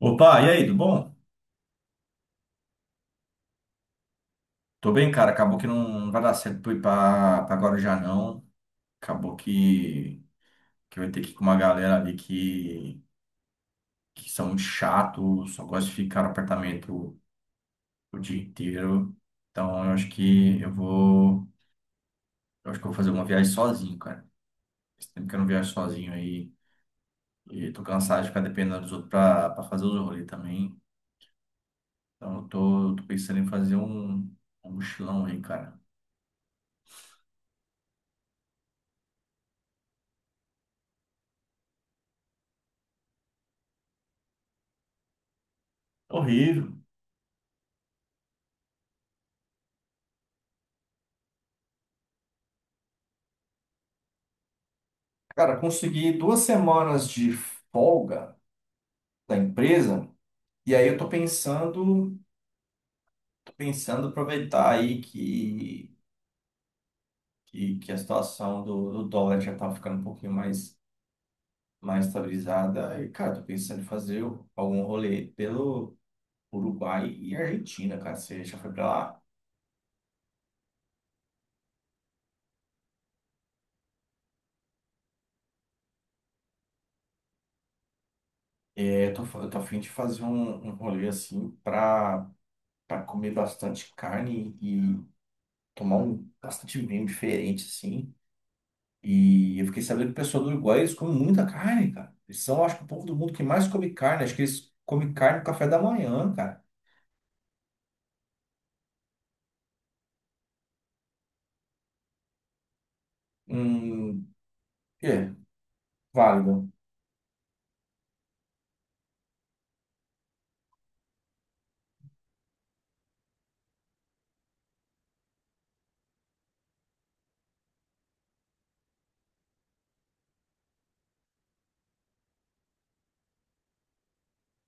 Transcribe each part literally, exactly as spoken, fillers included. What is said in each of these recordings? Opa, e aí, tudo bom? Tô bem, cara. Acabou que não não vai dar certo pra ir pra, pra Guarujá, não. Acabou que, que eu vou ter que ir com uma galera ali que, que são muito chatos, só gosta de ficar no apartamento o dia inteiro. Então, eu acho que eu vou, eu acho que eu vou fazer uma viagem sozinho, cara. Esse tempo que eu não viajo sozinho aí, e tô cansado de ficar dependendo dos outros pra, pra fazer os rolês também. Então, eu tô, tô pensando em fazer um, um mochilão aí, cara. Horrível. Cara, consegui duas semanas de folga da empresa, e aí eu tô pensando, tô pensando aproveitar aí que, que, que a situação do, do dólar já tá ficando um pouquinho mais, mais estabilizada. E, cara, tô pensando em fazer algum rolê pelo Uruguai e Argentina, cara. Você já foi pra lá? É, eu tô, fa- eu tô a fim de fazer um, um rolê assim pra, pra comer bastante carne e tomar um bastante vinho diferente, assim. E eu fiquei sabendo que o pessoal do Uruguai, eles comem muita carne, cara. Eles são, acho que, o povo do mundo que mais come carne. Acho que eles comem carne no café da manhã, cara. Hum, é, válido.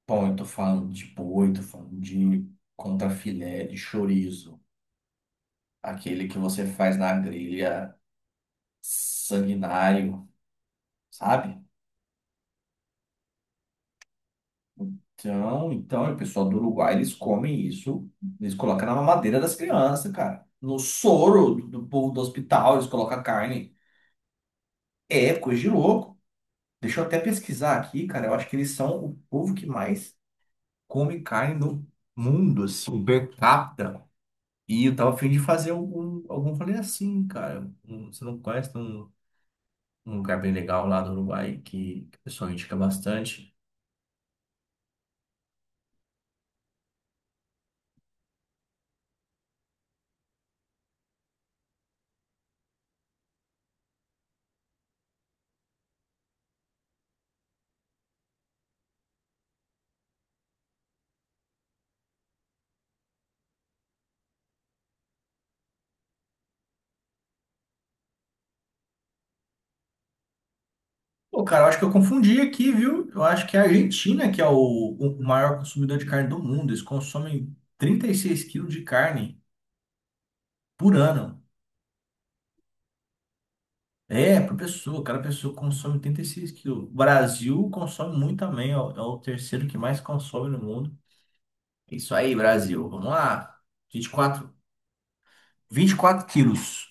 Bom, eu tô falando de boi, tô falando de contrafilé, de chorizo. Aquele que você faz na grelha sanguinário, sabe? Então, então, o pessoal do Uruguai, eles comem isso. Eles colocam na mamadeira das crianças, cara. No soro do do povo do hospital, eles colocam carne. É coisa de louco. Deixa eu até pesquisar aqui, cara. Eu acho que eles são o povo que mais come carne no mundo, assim, um per capita. E eu tava a fim de fazer algum, algum rolê assim, cara. Um- você não conhece tem um, um lugar bem legal lá do Uruguai que, que o pessoal indica bastante. Pô, cara, eu acho que eu confundi aqui, viu? Eu acho que é a Argentina que é o, o maior consumidor de carne do mundo. Eles consomem trinta e seis quilos de carne por ano. É, por pessoa, cada pessoa consome oitenta e seis quilos. O Brasil consome muito também, ó, é o terceiro que mais consome no mundo. Isso aí, Brasil. Vamos lá. Vinte vinte e quatro, vinte e quatro quilos.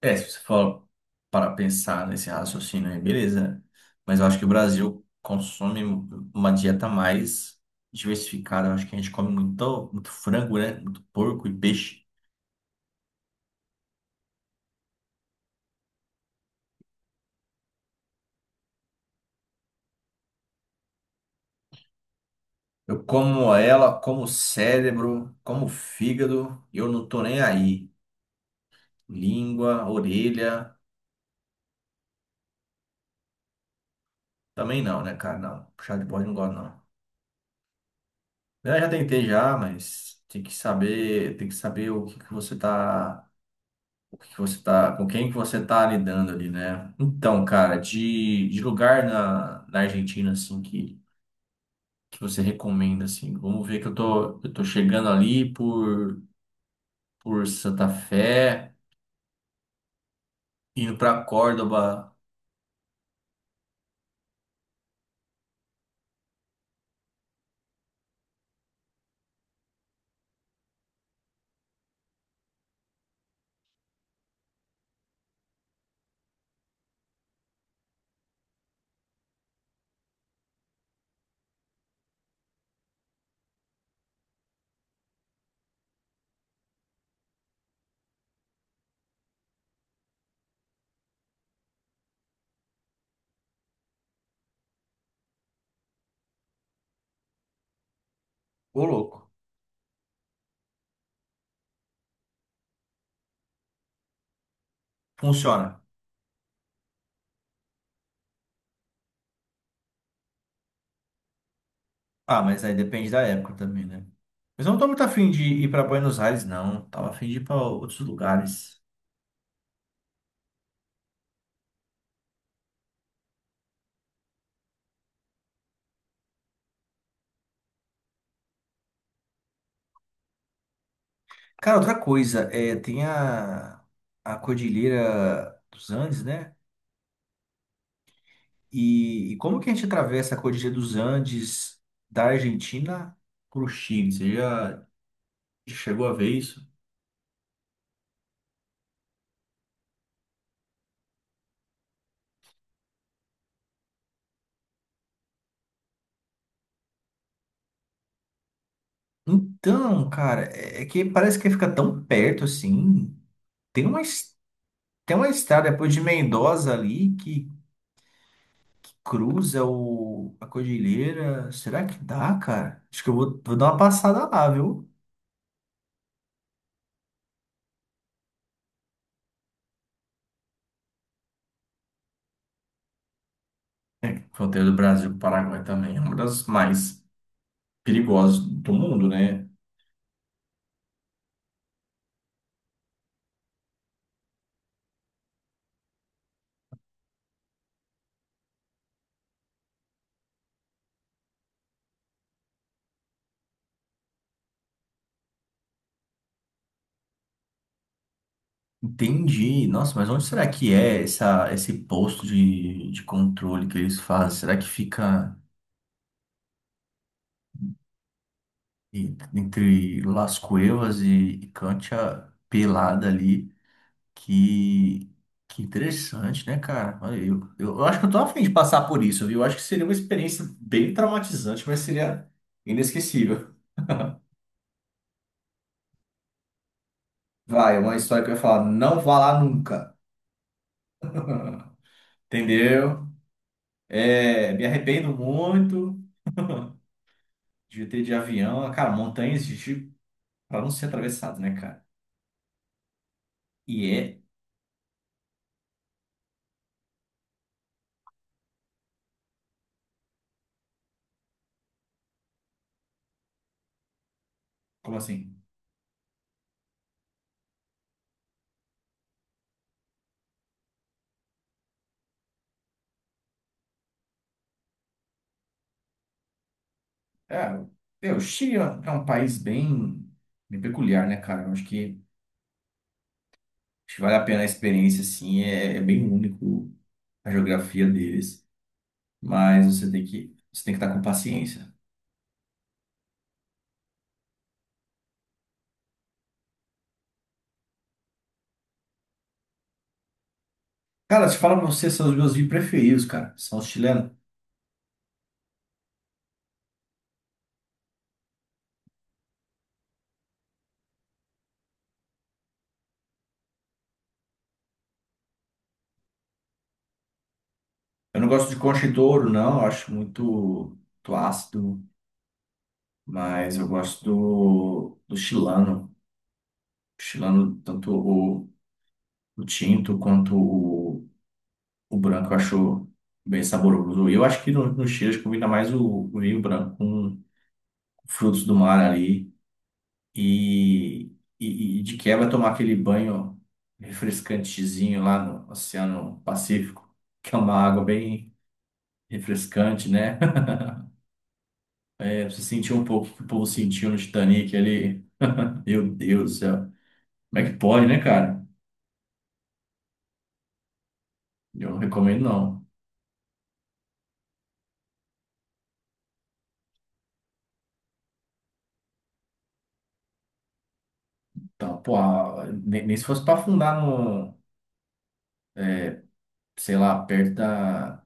É, se você for para pensar nesse raciocínio aí, beleza, né? Mas eu acho que o Brasil consome uma dieta mais diversificada. Eu acho que a gente come muito, muito frango, né? Muito porco e peixe. Eu como ela, como cérebro, como fígado, e eu não tô nem aí. Língua, orelha. Também não, né, cara? Não. Puxar de bode não gosto, não. Eu já tentei já, mas tem que saber, tem que saber o que que você tá, o que que você tá, com quem que você tá lidando ali, né? Então, cara, de, de lugar na, na Argentina, assim, que, que você recomenda, assim, vamos ver que eu tô, eu tô chegando ali por, por Santa Fé, indo pra Córdoba. Ô, louco. Funciona. Ah, mas aí depende da época também, né? Mas eu não tô muito afim de ir pra Buenos Aires, não. Tava afim de ir pra outros lugares. Cara, outra coisa, é, tem a, a Cordilheira dos Andes, né? E, e como que a gente atravessa a Cordilheira dos Andes da Argentina pro Chile? Você já chegou a ver isso? Então, cara, é é que parece que fica tão perto assim. Tem uma, es- tem uma estrada depois de Mendoza ali que cruza o, a cordilheira. Será que dá, cara? Acho que eu vou, vou dar uma passada lá, viu? Fronteira do Brasil com o Paraguai também é uma das mais perigosas do mundo, né? Entendi. Nossa, mas onde será que é essa, esse posto de, de controle que eles fazem? Será que fica en- entre Las Cuevas e, e Cantia Pelada ali? Que, que interessante, né, cara? Olha, Eu, eu, eu acho que eu tô a de passar por isso, viu? Eu acho que seria uma experiência bem traumatizante, mas seria inesquecível. Vai, é uma história que eu ia falar, não vá lá nunca, entendeu? É, me arrependo muito de ter de avião, cara, montanhas de tipo, pra não ser atravessado, né, cara? E é, como assim? É, meu, o Chile é um é um país bem, bem peculiar, né, cara? Eu acho que, acho que vale a pena a experiência, assim, é é bem único a geografia deles, mas você tem que, você tem que estar com paciência. Cara, se fala pra você, são os meus vinhos preferidos, cara. São os chilenos. Eu não gosto de Concha e Douro, não. Eu acho muito, muito ácido, mas eu gosto do, do chilano. O chilano, tanto o, o tinto quanto o, o branco, eu acho bem saboroso. E eu acho que no, no Chile acho que combina mais o, o vinho branco com frutos do mar ali e, e, e de quebra tomar aquele banho refrescantezinho lá no Oceano Pacífico, que é uma água bem refrescante, né? É, você sentiu um pouco o que o povo sentiu no Titanic ali. Meu Deus do céu. Como é que pode, né, cara? Eu não recomendo, não. Então, pô, a- nem, nem se fosse pra afundar no, sei lá, perto da,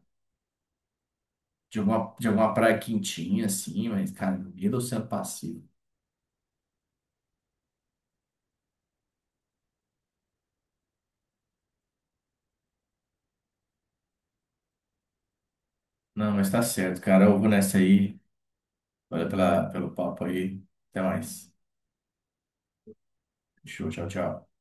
de alguma, de alguma praia quentinha, assim, mas, cara, no meio do Oceano Pacífico. Não, mas tá certo, cara. Eu vou nessa aí. Valeu pela, pelo papo aí. Até mais. Show, tchau, tchau.